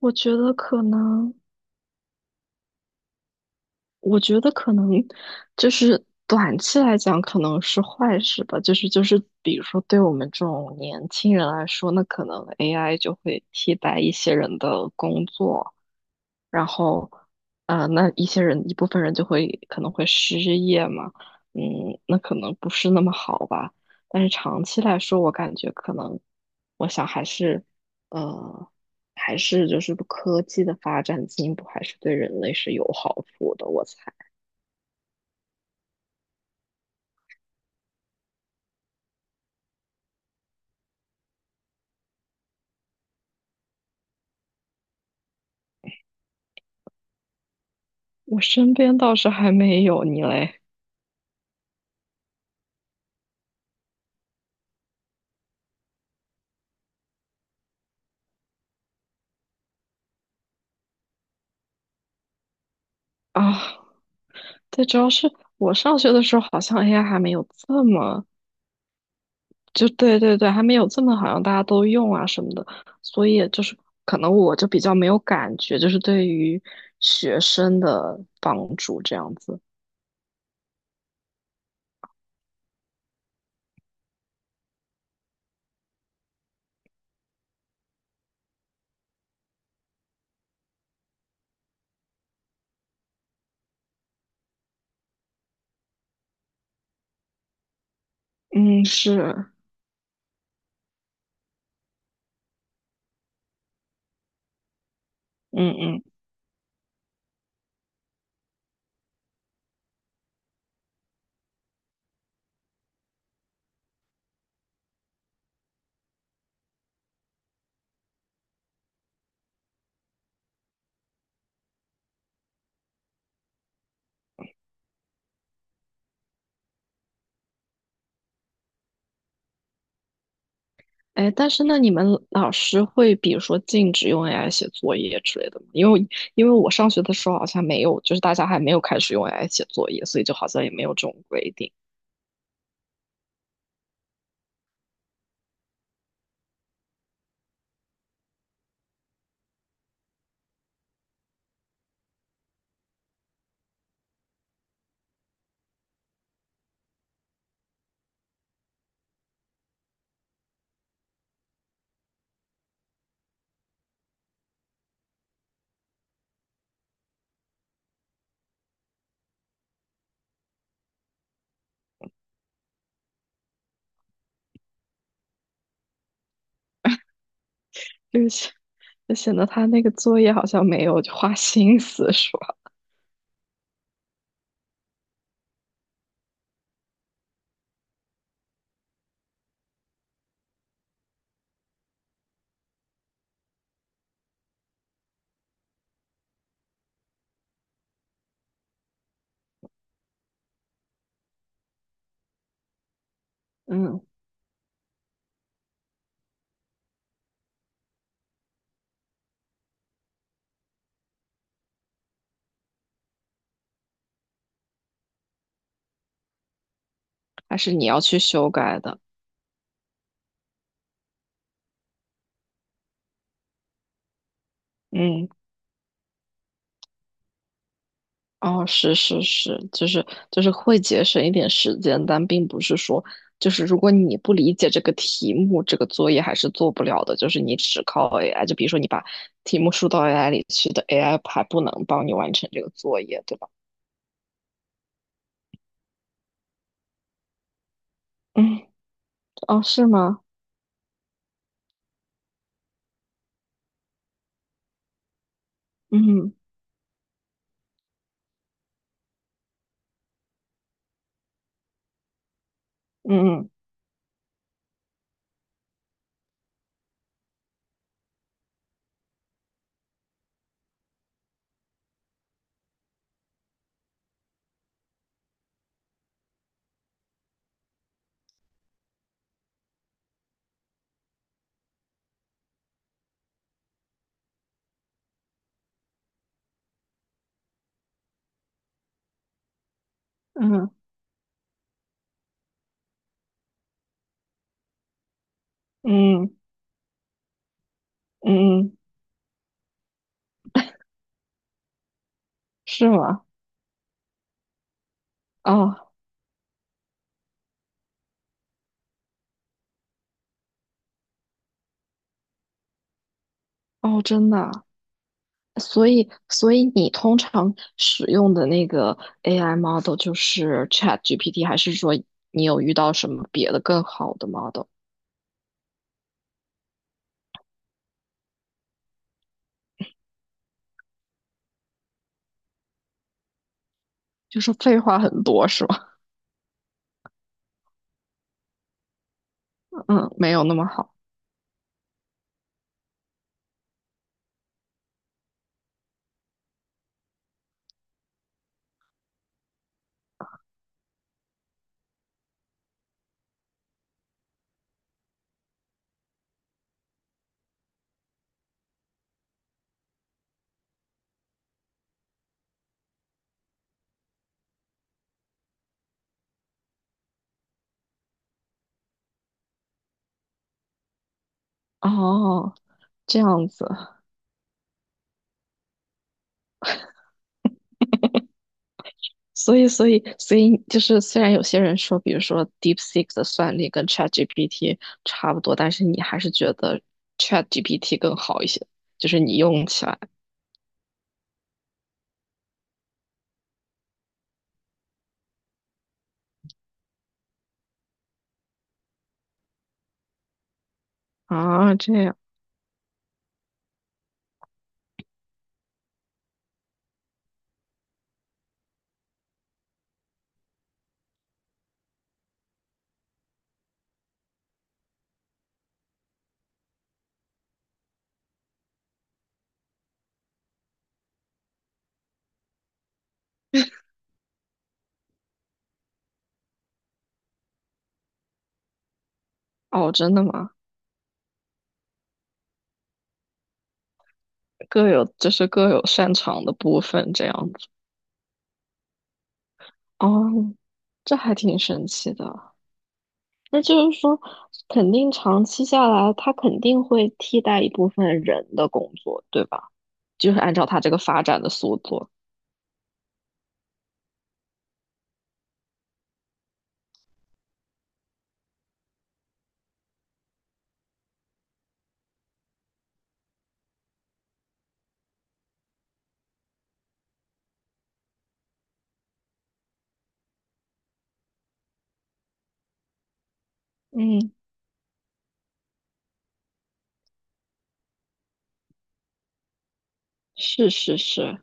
我觉得可能，我觉得可能就是短期来讲可能是坏事吧，比如说对我们这种年轻人来说，那可能 AI 就会替代一些人的工作，然后啊、那一部分人就会可能会失业嘛，那可能不是那么好吧。但是长期来说，我感觉可能，我想呃，还是就是科技的发展进步，还是对人类是有好处的。我猜。我身边倒是还没有，你嘞？啊，对，主要是我上学的时候，好像 AI 还没有这么。就对对对，还没有这么，好像大家都用啊什么的，所以就是可能我就比较没有感觉，就是对于学生的帮助这样子。嗯，是，嗯嗯。哎，但是那你们老师会比如说禁止用 AI 写作业之类的吗？因为我上学的时候好像没有，就是大家还没有开始用 AI 写作业，所以就好像也没有这种规定，就是显得他那个作业好像没有花心思是吧？嗯，还是你要去修改的。嗯。哦，是是是就是会节省一点时间，但并不是说，就是如果你不理解这个题目，这个作业还是做不了的。就是你只靠 AI，就比如说你把题目输到 AI 里去的，AI 还不能帮你完成这个作业，对吧？嗯，哦，是吗？嗯嗯嗯嗯嗯嗯，嗯，是吗？哦哦，真的啊？所以你通常使用的那个 AI model 就是 ChatGPT，还是说你有遇到什么别的更好的 model？就是废话很多是吧？嗯，没有那么好。哦，这样子。所以就是虽然有些人说，比如说 DeepSeek 的算力跟 ChatGPT 差不多，但是你还是觉得 ChatGPT 更好一些，就是你用起来啊，这样。哦，真的吗？各有擅长的部分这样子。哦，这还挺神奇的。那就是说，肯定长期下来，它肯定会替代一部分人的工作，对吧？就是按照它这个发展的速度。嗯，是是是。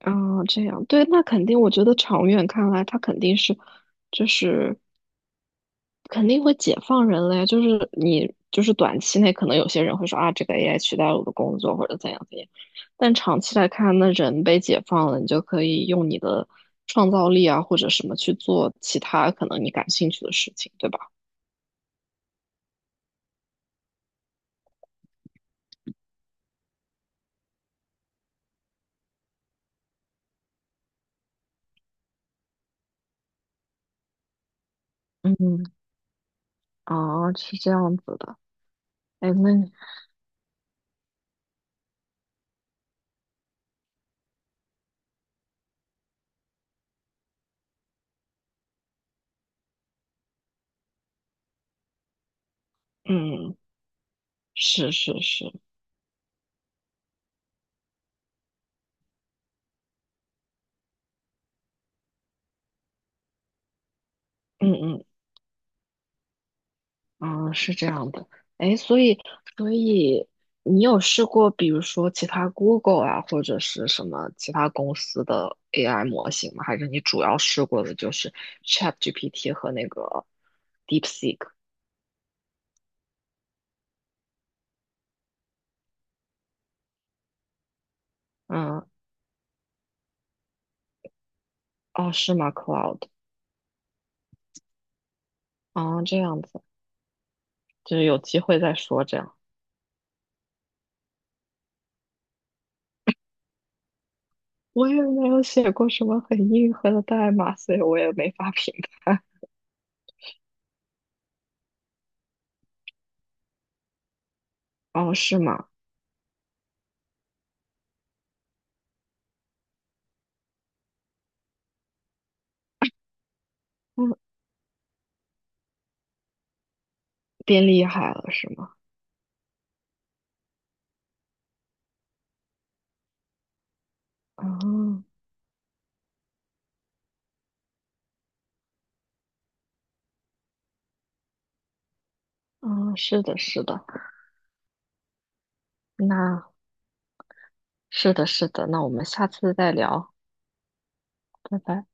嗯，这样对，那肯定，我觉得长远看来，它肯定是，就是肯定会解放人类，就是你就是短期内可能有些人会说啊，这个 AI 取代了我的工作或者怎样怎样，但长期来看，那人被解放了，你就可以用你的创造力啊或者什么去做其他可能你感兴趣的事情，对吧？嗯，哦，是这样子的。哎，那你嗯，是是是，嗯嗯嗯，是这样的。哎，所以你有试过，比如说其他 Google 啊，或者是什么其他公司的 AI 模型吗？还是你主要试过的就是 ChatGPT 和那个 DeepSeek？嗯，哦，是吗？Cloud？哦，这样子，就是有机会再说这样。我也没有写过什么很硬核的代码，所以我也没法评判。哦，是吗？嗯，变厉害了是吗？哦，嗯，是的，是的。那是的，是的，那我们下次再聊，拜拜。